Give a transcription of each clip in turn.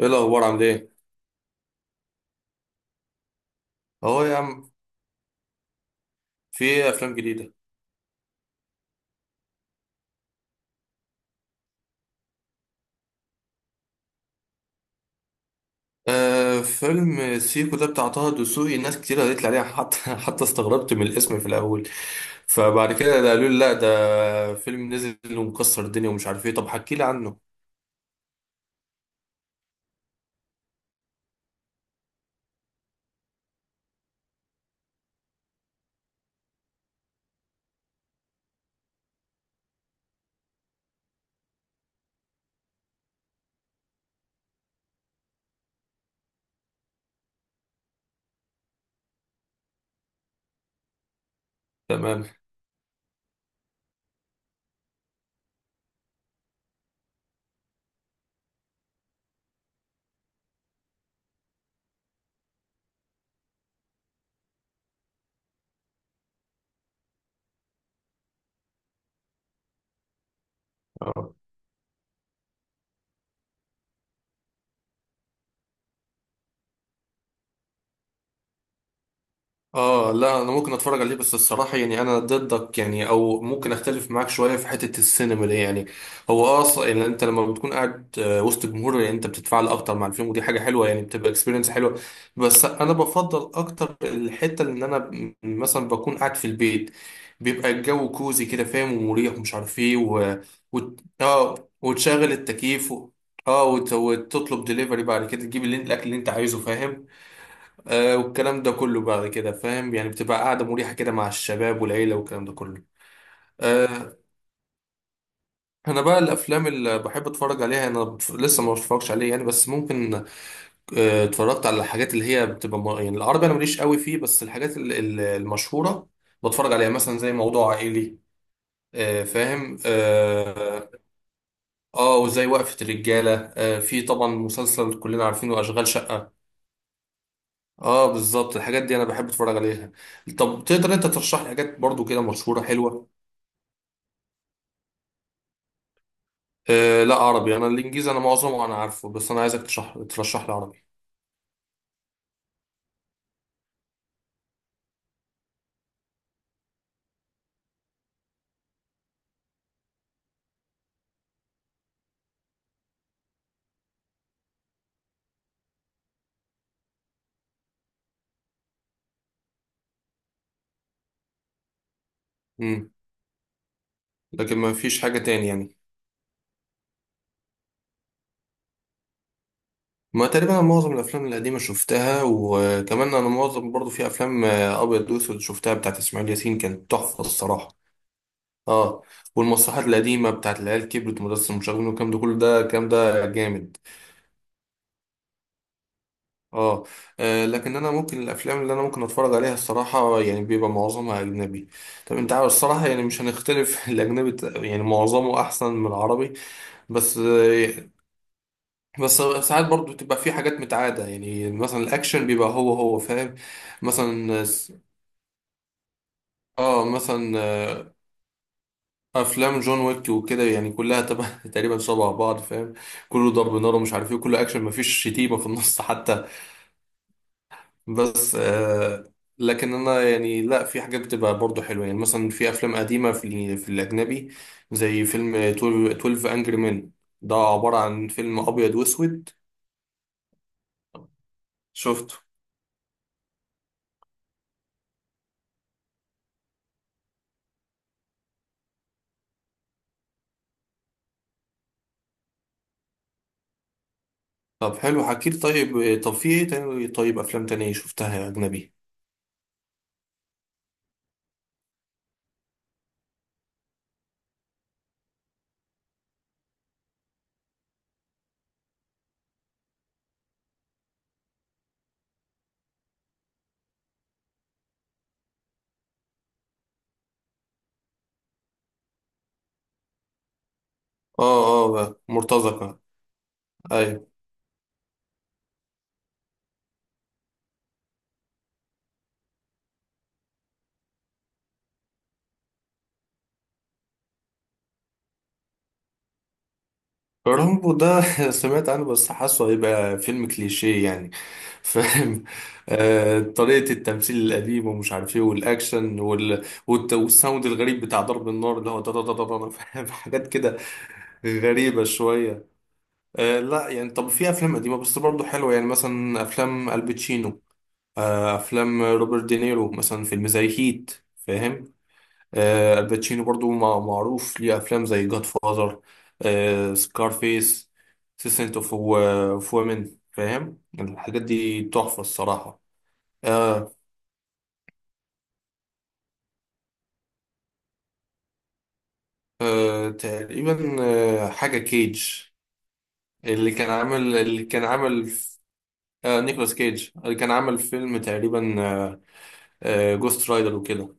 ايه الاخبار عامل ايه؟ اهو يا عم. في ايه افلام جديده؟ آه، فيلم سيكو ده بتاع طه دسوقي، ناس كتير قالت لي عليه حتى حتى استغربت من الاسم في الاول. فبعد كده ده قالوا لي لا، ده فيلم نزل ومكسر الدنيا ومش عارف ايه. طب حكي لي عنه. تمام. اه لا، انا ممكن اتفرج عليه، بس الصراحه يعني انا ضدك، يعني او ممكن اختلف معاك شويه في حته السينما دي يعني. هو يعني انت لما بتكون قاعد وسط جمهور، يعني انت بتتفاعل اكتر مع الفيلم، ودي حاجه حلوه يعني، بتبقى اكسبيرينس حلوه. بس انا بفضل اكتر الحته اللي انا مثلا بكون قاعد في البيت، بيبقى الجو كوزي كده، فاهم؟ ومريح ومش عارف ايه و... وت... اه وتشغل التكييف، وتطلب ديليفري، بعد كده تجيب الاكل اللي انت عايزه، فاهم؟ آه، والكلام ده كله بعد كده، فاهم؟ يعني بتبقى قاعدة مريحة كده مع الشباب والعيلة والكلام ده كله. آه. أنا بقى الأفلام اللي بحب أتفرج عليها، أنا لسه ما بتفرجش عليه يعني، بس ممكن. آه، اتفرجت على الحاجات اللي هي بتبقى يعني العربي أنا ماليش قوي فيه، بس الحاجات المشهورة بتفرج عليها، مثلا زي موضوع عائلي. آه فاهم. آه. آه، وزي وقفة الرجالة، آه، في طبعا مسلسل كلنا عارفينه، أشغال شقة. اه بالظبط، الحاجات دي انا بحب اتفرج عليها. طب تقدر انت ترشح لي حاجات برضو كده مشهوره حلوه؟ آه لا عربي، انا الانجليزي انا معظمه انا عارفه، بس انا عايزك ترشح لي عربي. امم. لكن ما فيش حاجه تاني يعني؟ ما تقريبا انا معظم الافلام القديمه شفتها، وكمان انا معظم برضو في افلام ابيض واسود شفتها بتاعت اسماعيل ياسين، كانت تحفه الصراحه. اه. والمسرحيات القديمه بتاعت العيال كبرت، مدرسه المشاغبين والكلام ده كله، ده الكلام ده جامد. اه. آه، لكن انا ممكن الافلام اللي انا ممكن اتفرج عليها الصراحه يعني بيبقى معظمها اجنبي. طب انت عارف الصراحه يعني مش هنختلف، الاجنبي يعني معظمه احسن من العربي. بس آه. بس ساعات برضو بتبقى في حاجات متعاده يعني، مثلا الاكشن بيبقى هو هو، فاهم؟ مثلا س- اه مثلا افلام جون ويك وكده، يعني كلها تبع تقريبا شبه بعض، فاهم؟ كله ضرب نار ومش عارف ايه، كله اكشن، مفيش شتيمه في النص حتى. بس آه. لكن انا يعني لا، في حاجات بتبقى برضو حلوه يعني، مثلا في افلام قديمه في في الاجنبي، زي فيلم 12 انجري مان، ده عباره عن فيلم ابيض واسود. شفته. طب حلو، حكيت طيب. طب في ايه تاني؟ طيب افلام تانية شفتها يا اجنبي؟ اه اه مرتزقه. أيوة. رامبو ده سمعت عنه، بس حاسه هيبقى فيلم كليشيه يعني، فاهم. آه، طريقة التمثيل القديم ومش عارف ايه، والاكشن والساوند الغريب بتاع ضرب النار، اللي هو دا دا دا دا دا، فاهم؟ حاجات كده غريبة شوية. آه لا يعني، طب في افلام قديمة بس برضه حلوة يعني، مثلا افلام الباتشينو، آه افلام روبرت دينيرو، مثلا فيلم زي هيت، فاهم؟ آه، الباتشينو برضو معروف ليه افلام زي جاد فازر، سكارفيس، سيسنت اوف وومن، فاهم؟ الحاجات دي تحفه الصراحه. آه. آه تقريبا. آه حاجه كيج، اللي كان عامل اللي كان عامل ف- آه نيكولاس كيج، اللي كان عامل فيلم تقريبا آه، آه جوست رايدر وكده.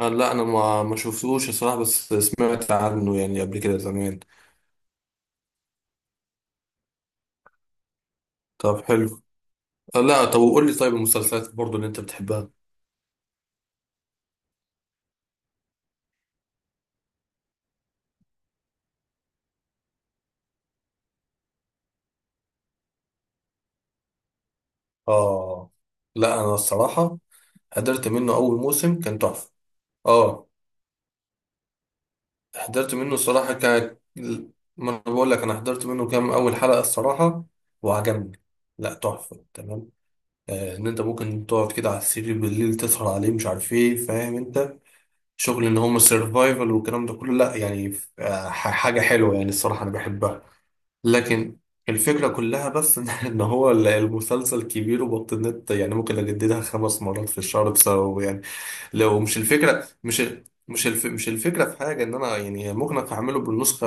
آه لا، انا ما شفتوش الصراحه، بس سمعت عنه يعني قبل كده زمان. طب حلو. آه لا، طب وقول لي طيب المسلسلات برضو اللي انت بتحبها؟ اه لا انا الصراحه. حضرت منه اول موسم، كان تحفه. اه. حضرت منه الصراحه ما انا بقول لك، انا حضرت منه كام اول حلقه الصراحه، وعجبني. لا تحفه تمام. آه، ان انت ممكن تقعد كده على السرير بالليل تسهر عليه، مش عارف ايه، فاهم انت؟ شغل ان هم السرفايفل والكلام ده كله، لا يعني. آه، حاجه حلوه يعني الصراحه، انا بحبها. لكن الفكرة كلها بس، إن هو المسلسل كبير وبطلت يعني، ممكن أجددها 5 مرات في الشهر بسببه يعني. لو مش الفكرة، مش الفكرة في حاجة إن أنا يعني ممكن أعمله بالنسخة،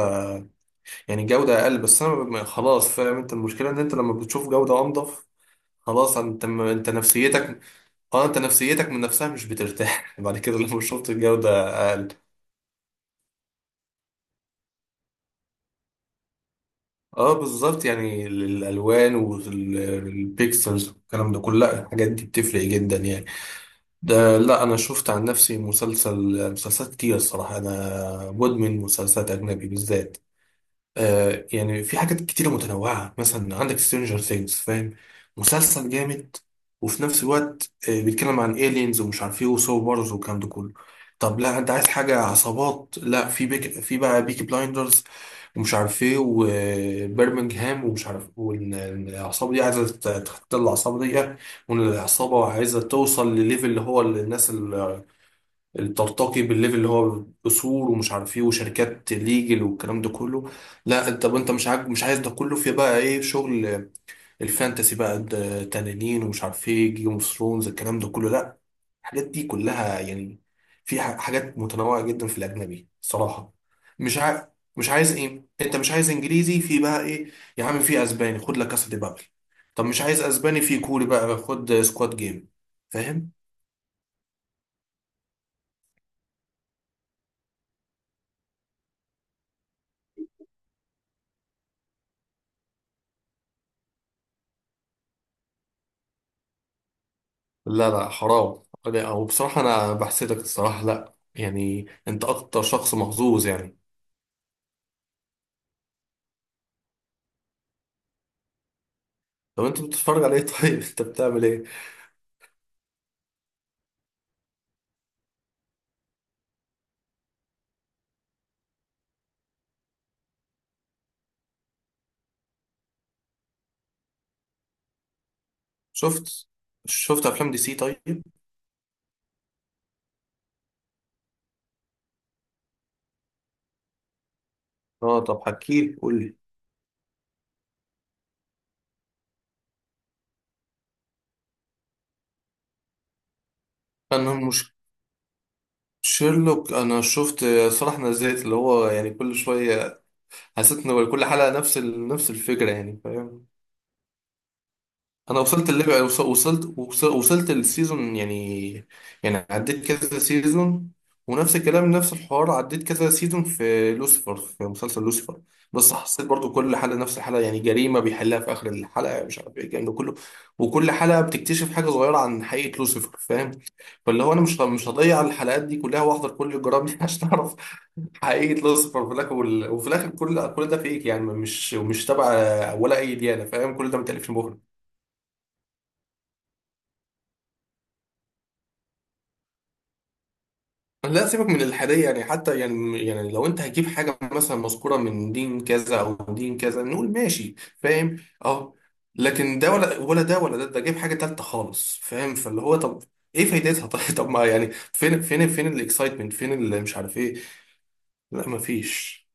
يعني جودة أقل، بس أنا خلاص، فاهم أنت؟ المشكلة إن أنت لما بتشوف جودة أنضف، خلاص أنت أنت نفسيتك. أه، أنت نفسيتك من نفسها مش بترتاح بعد كده لما شفت الجودة أقل. أه بالظبط، يعني الألوان والبيكسلز والكلام ده كله، لا الحاجات دي بتفرق جدا يعني. ده لا، انا شفت عن نفسي مسلسل، مسلسلات كتير الصراحه، انا مدمن مسلسلات اجنبي بالذات. آه يعني في حاجات كتيرة متنوعة، مثلا عندك سترينجر ثينجز، فاهم؟ مسلسل جامد، وفي نفس الوقت آه بيتكلم عن aliens ومش عارف ايه، وسو بارز والكلام ده كله. طب لا، انت عايز حاجة عصابات؟ لا، في في بقى بيكي بلايندرز، ومش عارف ايه، وبرمنجهام ومش عارف، والعصابة دي عايزة تختل العصابة دي، والعصابة عايزة توصل لليفل اللي هو الناس ترتقي بالليفل اللي هو اصول، ومش عارف ايه، وشركات ليجل والكلام ده كله. لا انت، انت مش مش عايز ده كله؟ في بقى ايه؟ شغل الفانتسي بقى، ده تنانين ومش عارف ايه، جيم اوف ثرونز، الكلام ده كله. لا الحاجات دي كلها يعني، في حاجات متنوعة جدا في الاجنبي صراحة. مش ع... مش عايز ايه؟ انت مش عايز انجليزي؟ في بقى ايه؟ يا عم في اسباني، خد لك كاسا دي بابل. طب مش عايز اسباني؟ في كوري بقى، خد سكواد جيم. فاهم؟ لا لا حرام لا، هو بصراحة أنا بحسدك الصراحة، لا يعني أنت أكتر شخص محظوظ يعني. طب أنت بتتفرج على إيه طيب؟ أنت بتعمل إيه؟ شفت. شفت أفلام دي سي طيب؟ أه، طب حكيلي، قول لي. أنا مش. شيرلوك أنا شفت صراحة، نزلت اللي هو يعني كل شوية، حسيت إن كل حلقة نفس الفكرة يعني، فاهم؟ انا وصلت الليفل يعني، وصلت السيزون يعني، يعني عديت كذا سيزون. ونفس الكلام نفس الحوار، عديت كذا سيزون في لوسيفر، في مسلسل لوسيفر. بس حسيت برضو كل حلقة نفس الحلقة يعني، جريمة بيحلها في آخر الحلقة، مش عارف ايه، الكلام ده كله. وكل حلقة بتكتشف حاجة صغيرة عن حقيقة لوسيفر، فاهم؟ فاللي هو انا مش هضيع الحلقات دي كلها واحضر كل الجرائم دي عشان اعرف حقيقة لوسيفر في الاخر. وفي الاخر كل ده فيك يعني، مش تبع ولا اي ديانة، فاهم؟ كل ده متألفش مخرج. لا سيبك من الحادية يعني حتى، يعني لو انت هتجيب حاجة مثلا مذكورة من دين كذا او دين كذا نقول ماشي، فاهم؟ اه لكن ده ولا ده ولا ده، ده جايب حاجة تالتة خالص، فاهم؟ فاللي هو طب ايه فايدتها؟ طب ما يعني، فين فين فين الاكسايتمنت، فين اللي مش عارف ايه؟ لا مفيش.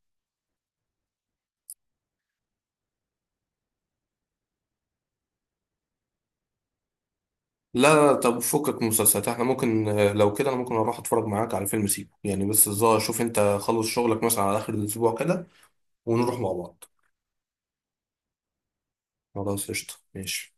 لا لا، طب فكك مسلسلات، احنا ممكن آه، لو كده انا ممكن اروح اتفرج معاك على فيلم سيكو يعني، بس الظاهر شوف انت خلص شغلك مثلا على اخر الاسبوع كده، ونروح مع بعض. خلاص قشطة ماشي.